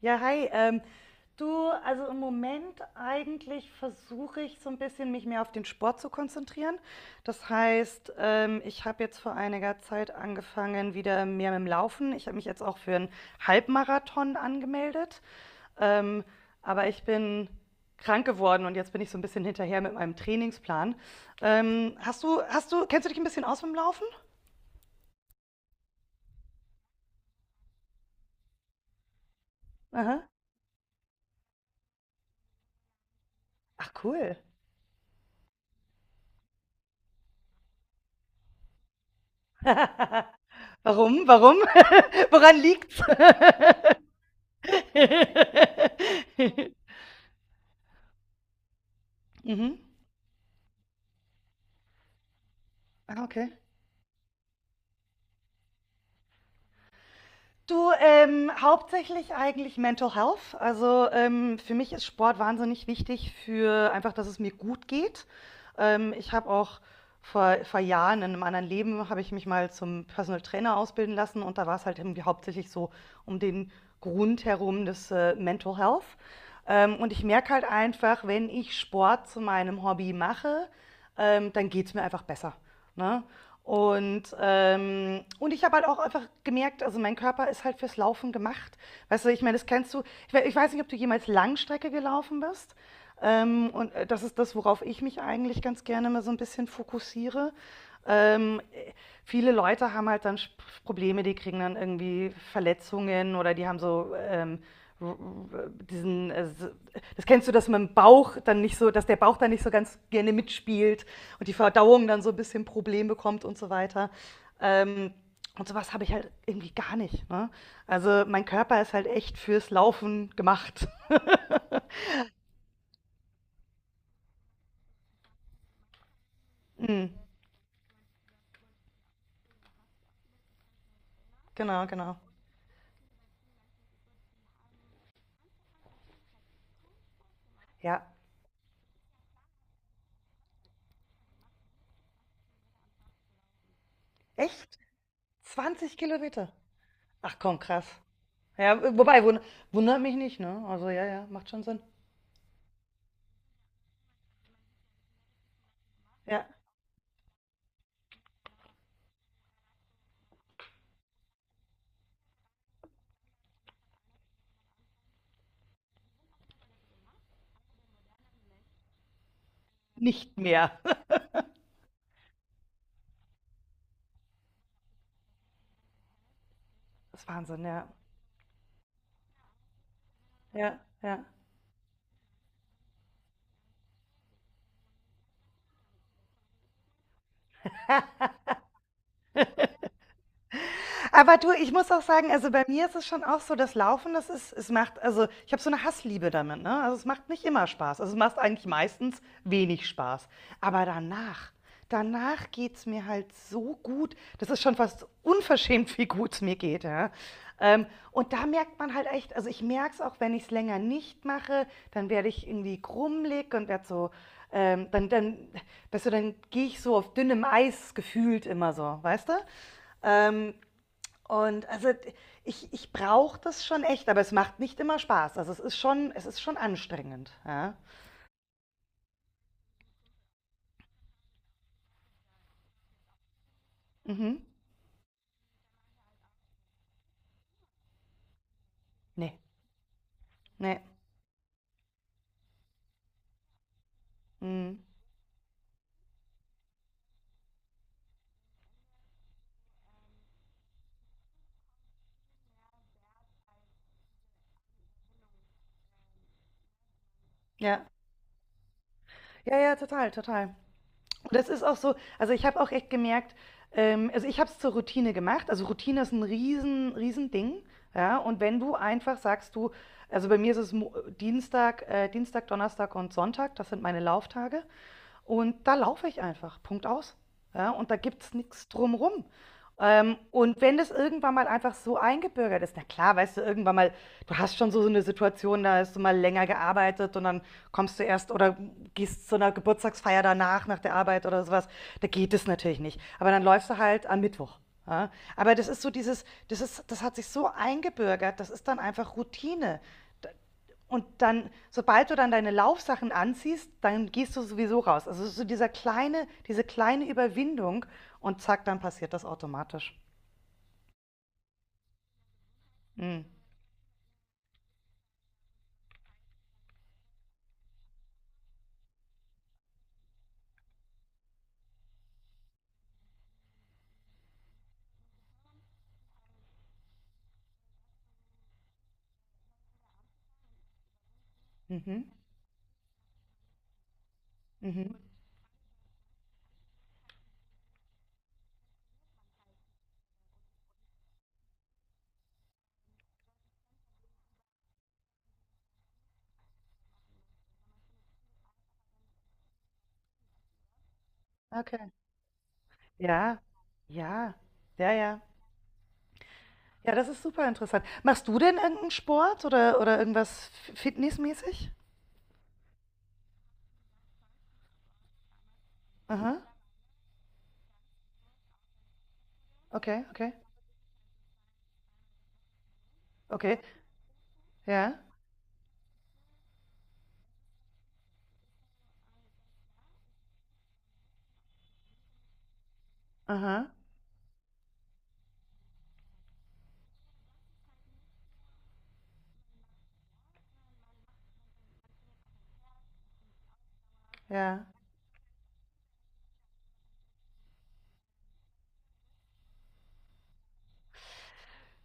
Ja, hi. Du, also im Moment eigentlich versuche ich so ein bisschen, mich mehr auf den Sport zu konzentrieren. Das heißt, ich habe jetzt vor einiger Zeit angefangen, wieder mehr mit dem Laufen. Ich habe mich jetzt auch für einen Halbmarathon angemeldet. Ähm, aber ich bin krank geworden und jetzt bin ich so ein bisschen hinterher mit meinem Trainingsplan. Kennst du dich ein bisschen aus mit dem Laufen? Aha. Ach, cool. Warum? Warum? Woran liegt's? Mhm. Ah, okay. Du, hauptsächlich eigentlich Mental Health. Also für mich ist Sport wahnsinnig wichtig für einfach, dass es mir gut geht. Ich habe auch vor, vor Jahren in einem anderen Leben habe ich mich mal zum Personal Trainer ausbilden lassen, und da war es halt irgendwie hauptsächlich so um den Grund herum des Mental Health. Und ich merke halt einfach, wenn ich Sport zu meinem Hobby mache, dann geht es mir einfach besser. Ne? Und ich habe halt auch einfach gemerkt, also mein Körper ist halt fürs Laufen gemacht. Weißt du, ich meine, das kennst du. Ich weiß nicht, ob du jemals Langstrecke gelaufen bist. Das ist das, worauf ich mich eigentlich ganz gerne mal so ein bisschen fokussiere. Ähm, äh, Viele Leute haben halt dann Probleme, die kriegen dann irgendwie Verletzungen oder die haben so diesen, so, das kennst du, dass man Bauch dann nicht so, dass der Bauch dann nicht so ganz gerne mitspielt und die Verdauung dann so ein bisschen Problem bekommt und so weiter. Ähm, und sowas habe ich halt irgendwie gar nicht. Ne? Also mein Körper ist halt echt fürs Laufen gemacht. Mhm, genau, genau. Ja, echt? 20 Kilometer? Ach komm, krass. Ja, wobei, wundert mich nicht, ne? Also ja, ja, macht schon Sinn. Ja, nicht mehr. Das ist Wahnsinn, ja. Ja, ja. Aber du, ich muss auch sagen, also bei mir ist es schon auch so, das Laufen, das ist, es macht, also ich habe so eine Hassliebe damit, ne? Also es macht nicht immer Spaß. Also es macht eigentlich meistens wenig Spaß. Aber danach, danach geht's mir halt so gut. Das ist schon fast unverschämt, wie gut es mir geht, ja. Ähm, und da merkt man halt echt, also ich merke es auch, wenn ich es länger nicht mache, dann werde ich irgendwie krummelig und werde so, ähm, dann, dann, weißt du, dann gehe ich so auf dünnem Eis gefühlt immer so, weißt du? Ähm, und also ich brauche das schon echt, aber es macht nicht immer Spaß. Also, es ist schon anstrengend, ja. Mhm. Ne, ne. Mhm. Ja. Ja, ja, total, total. Und das ist auch so, also, ich habe auch echt gemerkt, also, ich habe es zur Routine gemacht. Also, Routine ist ein riesen riesen Ding. Ja? Und wenn du einfach sagst, du, also, bei mir ist es Mo Dienstag Dienstag, Donnerstag und Sonntag, das sind meine Lauftage. Und da laufe ich einfach, Punkt aus. Ja, und da gibt es nichts drumrum. Und wenn das irgendwann mal einfach so eingebürgert ist, na klar, weißt du, irgendwann mal, du hast schon so, so eine Situation, da hast du mal länger gearbeitet, und dann kommst du erst oder gehst zu einer Geburtstagsfeier danach, nach der Arbeit oder sowas, da geht es natürlich nicht. Aber dann läufst du halt am Mittwoch. Ja? Aber das ist so dieses, das ist, das hat sich so eingebürgert, das ist dann einfach Routine. Und dann, sobald du dann deine Laufsachen anziehst, dann gehst du sowieso raus. Also so dieser kleine, diese kleine Überwindung, und zack, dann passiert das automatisch. Mhm. Mhm. Mhm. Okay. Ja, ja, ja, ja. Ja, das ist super interessant. Machst du denn irgendeinen Sport oder irgendwas fitnessmäßig? Aha. Okay, okay. Okay. Ja. Aha. Ja.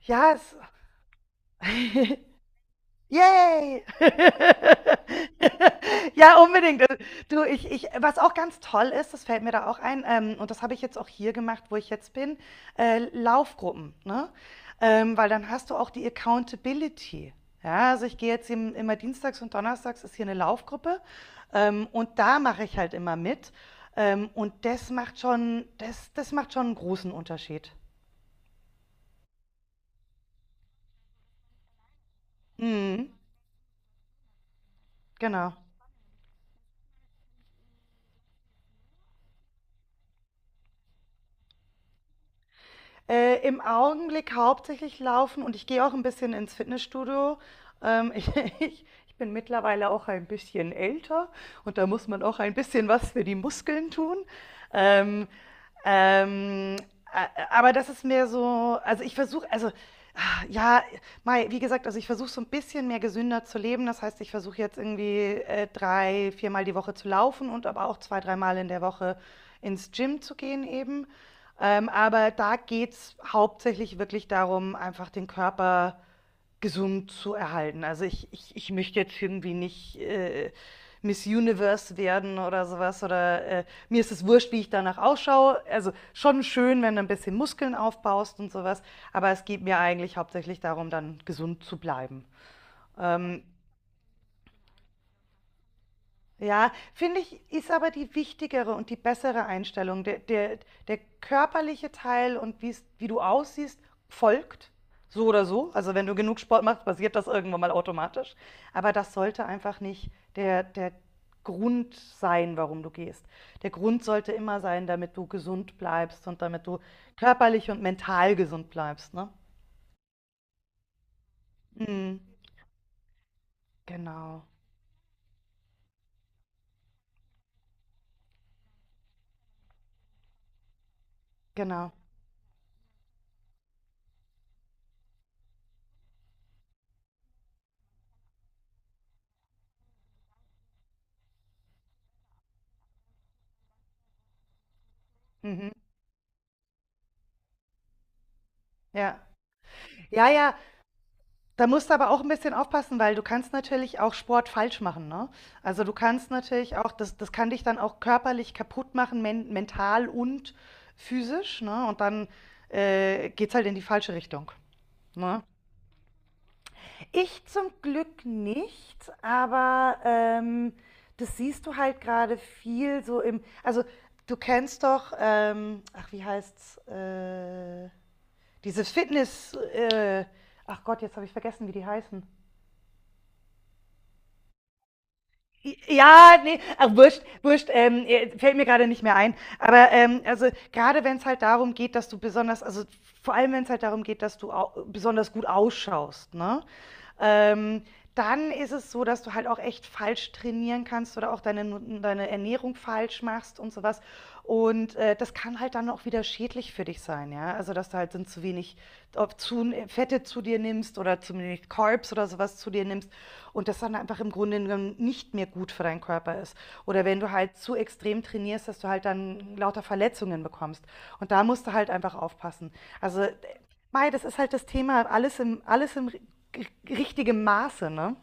Ja, es, Yay! Ja, unbedingt. Du, ich was auch ganz toll ist, das fällt mir da auch ein, und das habe ich jetzt auch hier gemacht, wo ich jetzt bin, Laufgruppen, ne? Weil dann hast du auch die Accountability. Ja, also ich gehe jetzt im immer dienstags, und donnerstags ist hier eine Laufgruppe, und da mache ich halt immer mit. Und das macht schon, das macht schon einen großen Unterschied. Mhm, genau. Im Augenblick hauptsächlich laufen, und ich gehe auch ein bisschen ins Fitnessstudio. Ähm, ich ich bin mittlerweile auch ein bisschen älter und da muss man auch ein bisschen was für die Muskeln tun. Ähm, ähm, a- aber das ist mehr so, also ich versuche, also ah, ja, wie gesagt, also ich versuche so ein bisschen mehr gesünder zu leben. Das heißt, ich versuche jetzt irgendwie drei, viermal die Woche zu laufen und aber auch zwei, dreimal in der Woche ins Gym zu gehen eben. Aber da geht es hauptsächlich wirklich darum, einfach den Körper gesund zu erhalten. Also, ich möchte jetzt irgendwie nicht, Miss Universe werden oder sowas, oder, mir ist es wurscht, wie ich danach ausschaue. Also, schon schön, wenn du ein bisschen Muskeln aufbaust und sowas, aber es geht mir eigentlich hauptsächlich darum, dann gesund zu bleiben. Ähm Ja, finde ich, ist aber die wichtigere und die bessere Einstellung. Der körperliche Teil und wie's, wie du aussiehst, folgt so oder so. Also wenn du genug Sport machst, passiert das irgendwann mal automatisch. Aber das sollte einfach nicht der Grund sein, warum du gehst. Der Grund sollte immer sein, damit du gesund bleibst und damit du körperlich und mental gesund bleibst, ne? Mhm. Genau, genau. Mhm. Ja. Ja, ja, da musst du aber auch ein bisschen aufpassen, weil du kannst natürlich auch Sport falsch machen, ne? Also, du kannst natürlich auch das, das kann dich dann auch körperlich kaputt machen, mental und physisch, ne? Und dann, geht's halt in die falsche Richtung, ne? Ich zum Glück nicht, aber, das siehst du halt gerade viel so im, also, du kennst doch, ach, wie heißt's? Diese Fitness ach Gott, jetzt habe ich vergessen, wie die heißen. Ja, ne, ach, wurscht, wurscht, fällt mir gerade nicht mehr ein. Aber, also, gerade wenn es halt darum geht, dass du besonders, also, vor allem wenn es halt darum geht, dass du au besonders gut ausschaust, ne? Ähm, Dann ist es so, dass du halt auch echt falsch trainieren kannst oder auch deine nu deine Ernährung falsch machst und sowas. Und, das kann halt dann auch wieder schädlich für dich sein, ja. Also, dass du halt dann zu wenig, Fette zu dir nimmst oder zu wenig Carbs oder sowas zu dir nimmst, und das dann einfach im Grunde genommen nicht mehr gut für deinen Körper ist. Oder wenn du halt zu extrem trainierst, dass du halt dann lauter Verletzungen bekommst. Und da musst du halt einfach aufpassen. Also, das ist halt das Thema, alles im richtigen Maße, ne?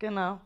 Genau.